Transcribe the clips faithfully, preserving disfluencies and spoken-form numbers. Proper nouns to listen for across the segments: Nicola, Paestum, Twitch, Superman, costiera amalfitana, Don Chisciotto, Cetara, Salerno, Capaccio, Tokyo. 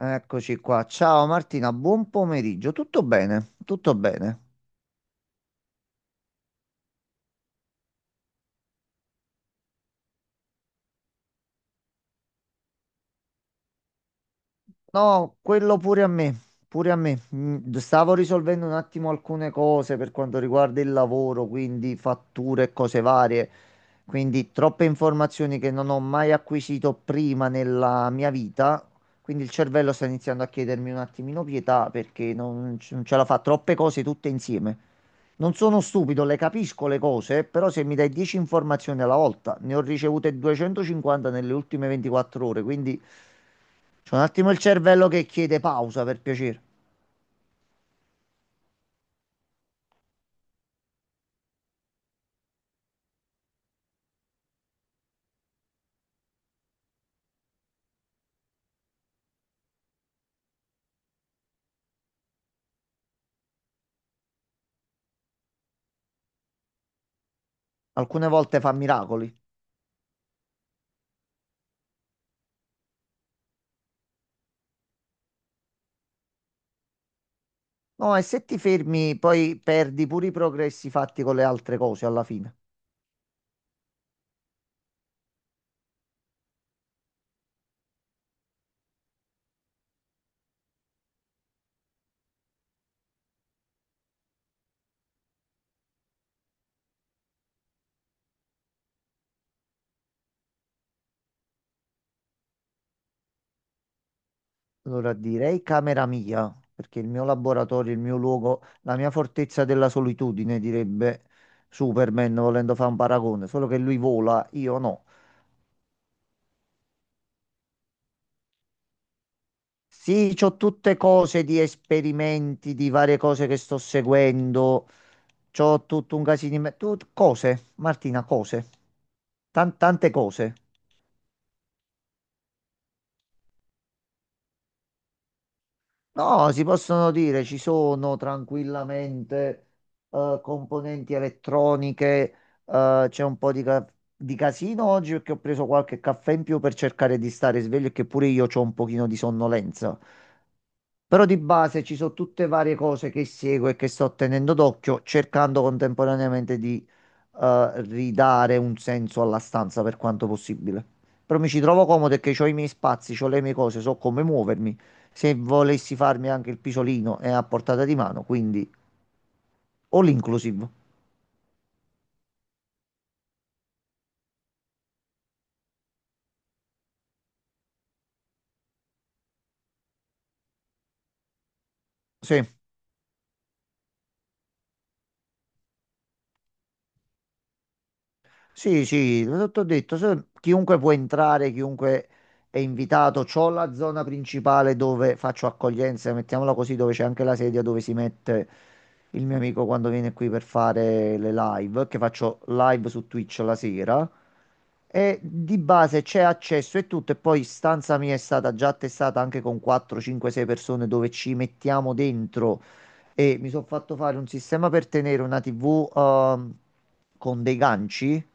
Eccoci qua. Ciao Martina, buon pomeriggio. Tutto bene? Tutto bene. No, quello pure a me, pure a me. Mm, Stavo risolvendo un attimo alcune cose per quanto riguarda il lavoro, quindi fatture e cose varie. Quindi troppe informazioni che non ho mai acquisito prima nella mia vita. Quindi il cervello sta iniziando a chiedermi un attimino pietà perché non, c- non ce la fa troppe cose tutte insieme. Non sono stupido, le capisco le cose, però se mi dai dieci informazioni alla volta, ne ho ricevute duecentocinquanta nelle ultime ventiquattro ore, quindi... C'è un attimo il cervello che chiede pausa per piacere. Alcune volte fa miracoli. No, e se ti fermi, poi perdi pure i progressi fatti con le altre cose alla fine. Allora direi camera mia, perché il mio laboratorio, il mio luogo, la mia fortezza della solitudine, direbbe Superman, volendo fare un paragone, solo che lui vola, io no. Sì, c'ho tutte cose di esperimenti, di varie cose che sto seguendo. C'ho tutto un casino in me- tut- cose, Martina, cose. Tan- tante cose. No, si possono dire, ci sono tranquillamente eh, componenti elettroniche. Eh, c'è un po' di, ca- di casino oggi perché ho preso qualche caffè in più per cercare di stare sveglio e che pure io ho un pochino di sonnolenza. Però di base ci sono tutte varie cose che seguo e che sto tenendo d'occhio, cercando contemporaneamente di eh, ridare un senso alla stanza per quanto possibile. Però mi ci trovo comodo e che ho i miei spazi, ho le mie cose, so come muovermi. Se volessi farmi anche il pisolino è a portata di mano, quindi all inclusive. Sì. Sì, sì, l'ho detto, se- chiunque può entrare, chiunque è invitato. C'ho la zona principale dove faccio accoglienza, mettiamola così, dove c'è anche la sedia dove si mette il mio amico quando viene qui per fare le live, che faccio live su Twitch la sera. E di base c'è accesso e tutto, e poi stanza mia è stata già attestata anche con quattro, cinque, sei persone dove ci mettiamo dentro e mi sono fatto fare un sistema per tenere una tivù ehm, con dei ganci,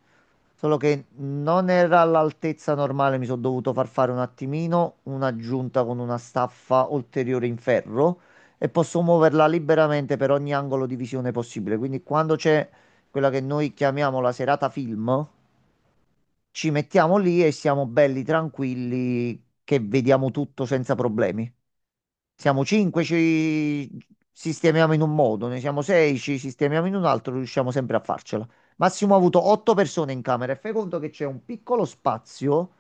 solo che non era all'altezza normale, mi sono dovuto far fare un attimino un'aggiunta con una staffa ulteriore in ferro e posso muoverla liberamente per ogni angolo di visione possibile. Quindi quando c'è quella che noi chiamiamo la serata film, ci mettiamo lì e siamo belli tranquilli che vediamo tutto senza problemi. Siamo cinque, ci sistemiamo in un modo, ne siamo sei, ci sistemiamo in un altro, riusciamo sempre a farcela. Massimo ha avuto otto persone in camera e fai conto che c'è un piccolo spazio,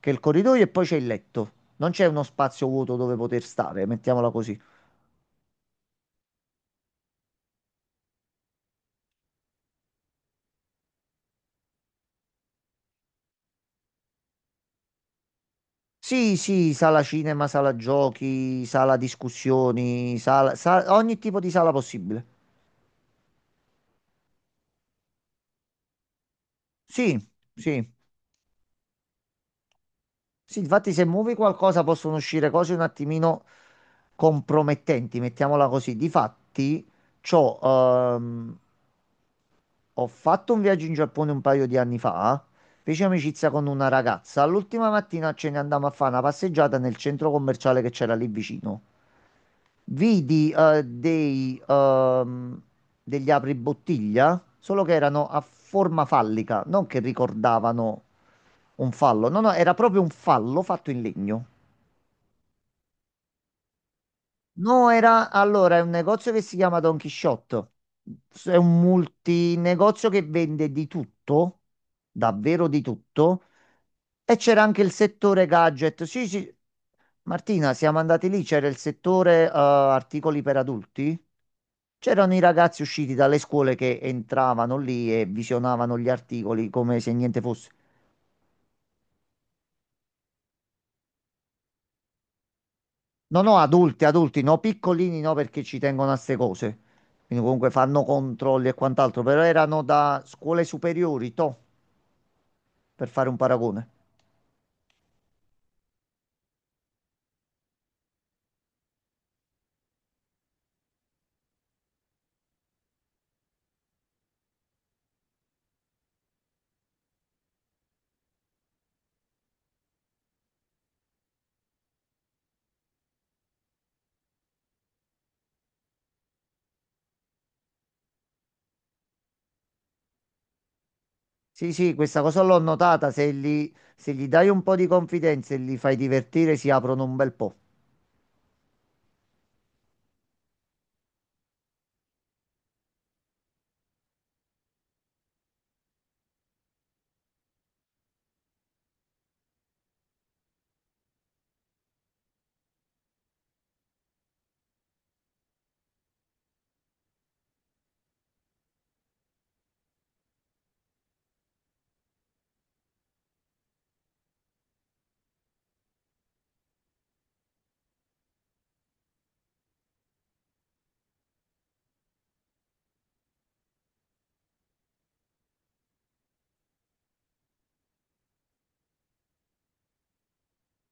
che è il corridoio e poi c'è il letto. Non c'è uno spazio vuoto dove poter stare, mettiamola così. Sì, sì, sala cinema, sala giochi, sala discussioni, sala, sa- ogni tipo di sala possibile. Sì, sì. Sì, infatti se muovi qualcosa possono uscire cose un attimino compromettenti, mettiamola così. Difatti, c'ho, ehm, ho fatto un viaggio in Giappone un paio di anni fa, feci amicizia con una ragazza. L'ultima mattina ce ne andammo a fare una passeggiata nel centro commerciale che c'era lì vicino. Vidi, eh, dei, ehm, degli apribottiglia, solo che erano a forma fallica, non che ricordavano un fallo. No, no, era proprio un fallo fatto in legno. No, era allora è un negozio che si chiama Don Chisciotto. S- È un multinegozio che vende di tutto, davvero di tutto. E c'era anche il settore gadget. Sì, sì. Martina, siamo andati lì, c'era il settore eh, articoli per adulti. C'erano i ragazzi usciti dalle scuole che entravano lì e visionavano gli articoli come se niente fosse. No, no, adulti, adulti, no, piccolini no perché ci tengono a ste cose. Quindi comunque fanno controlli e quant'altro, però erano da scuole superiori, toh, per fare un paragone. Sì, sì, questa cosa l'ho notata, se gli, se gli dai un po' di confidenza e li fai divertire si aprono un bel po'.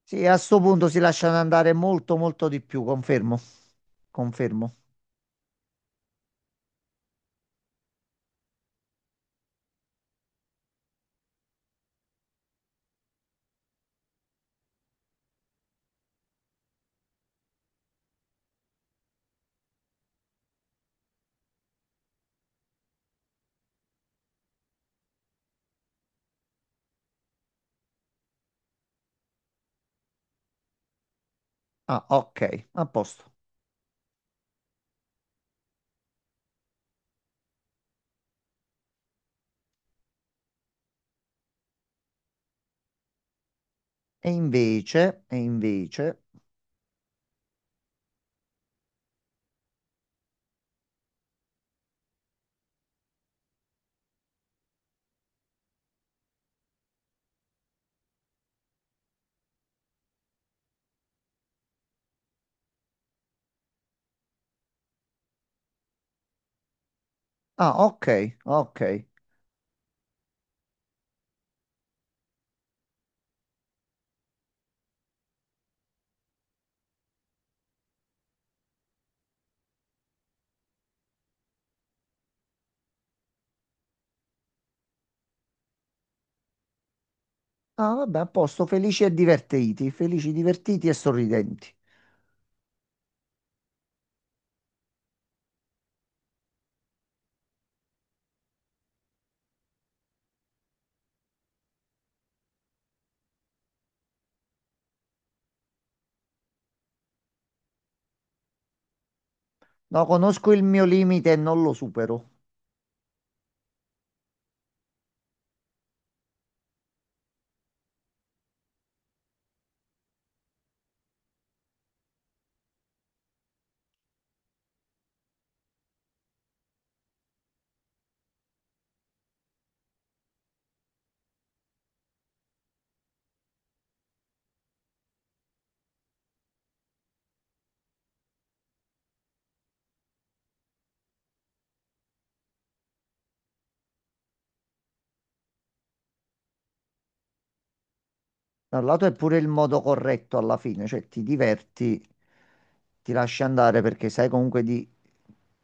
Sì, a sto punto si lasciano andare molto, molto di più, confermo. Confermo. Ah, ok, a posto. E invece, e invece... Ah, ok, ok. Ah, vabbè, a posto, felici e divertiti, felici, divertiti e sorridenti. No, conosco il mio limite e non lo supero. Da un lato è pure il modo corretto alla fine, cioè ti diverti, ti lasci andare perché sai comunque di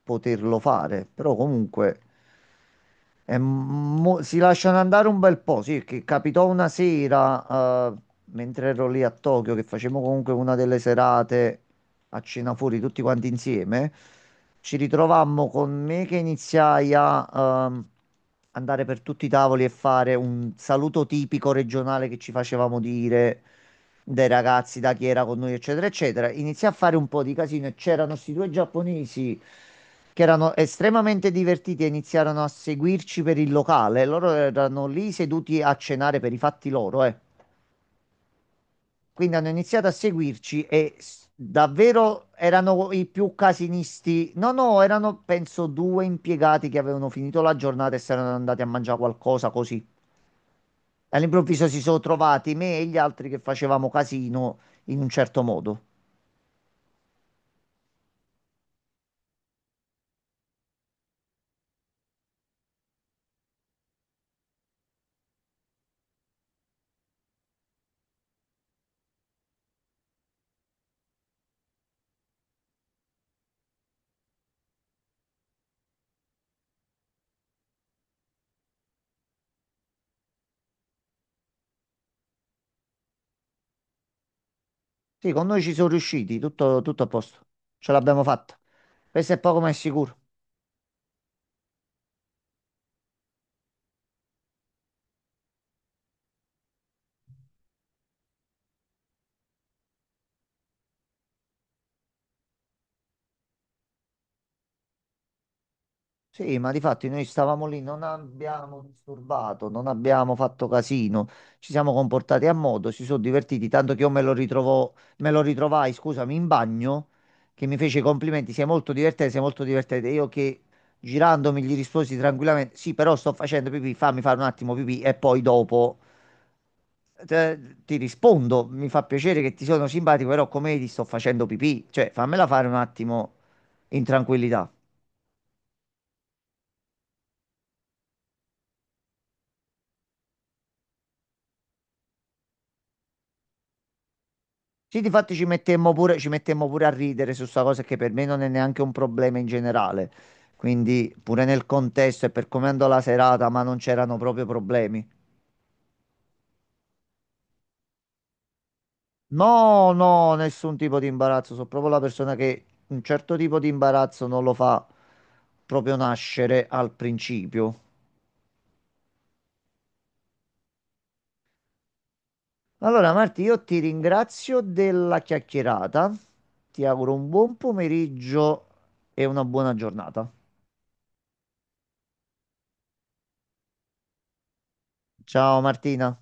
poterlo fare, però comunque. E mo- si lasciano andare un bel po', sì, che capitò una sera, eh, mentre ero lì a Tokyo, che facevamo comunque una delle serate a cena fuori tutti quanti insieme, ci ritrovammo con me che iniziai a, ehm, andare per tutti i tavoli e fare un saluto tipico regionale che ci facevamo dire dai ragazzi, da chi era con noi, eccetera, eccetera. Iniziai a fare un po' di casino e c'erano questi due giapponesi che erano estremamente divertiti e iniziarono a seguirci per il locale. Loro erano lì seduti a cenare per i fatti loro, eh. Quindi hanno iniziato a seguirci e s- davvero erano i più casinisti. No, no, erano penso due impiegati che avevano finito la giornata e si erano andati a mangiare qualcosa così. All'improvviso si sono trovati me e gli altri che facevamo casino in un certo modo. Sì, con noi ci sono riusciti, tutto, tutto a posto. Ce l'abbiamo fatta. Questo è poco ma è sicuro. Sì, ma difatti noi stavamo lì, non abbiamo disturbato, non abbiamo fatto casino, ci siamo comportati a modo, si sono divertiti, tanto che io me lo ritrovò, me lo ritrovai, scusami, in bagno, che mi fece i complimenti, sei molto divertente, sei molto divertente. Io che girandomi gli risposi tranquillamente, sì, però sto facendo pipì, fammi fare un attimo pipì e poi dopo te- ti rispondo, mi fa piacere che ti sono simpatico, però come vedi sto facendo pipì, cioè fammela fare un attimo in tranquillità. Sì, difatti ci mettemmo pure, ci mettemmo pure a ridere su sta cosa che per me non è neanche un problema in generale. Quindi pure nel contesto e per come andò la serata, ma non c'erano proprio problemi. No, no, nessun tipo di imbarazzo. Sono proprio la persona che un certo tipo di imbarazzo non lo fa proprio nascere al principio. Allora, Marti, io ti ringrazio della chiacchierata. Ti auguro un buon pomeriggio e una buona giornata. Ciao Martina.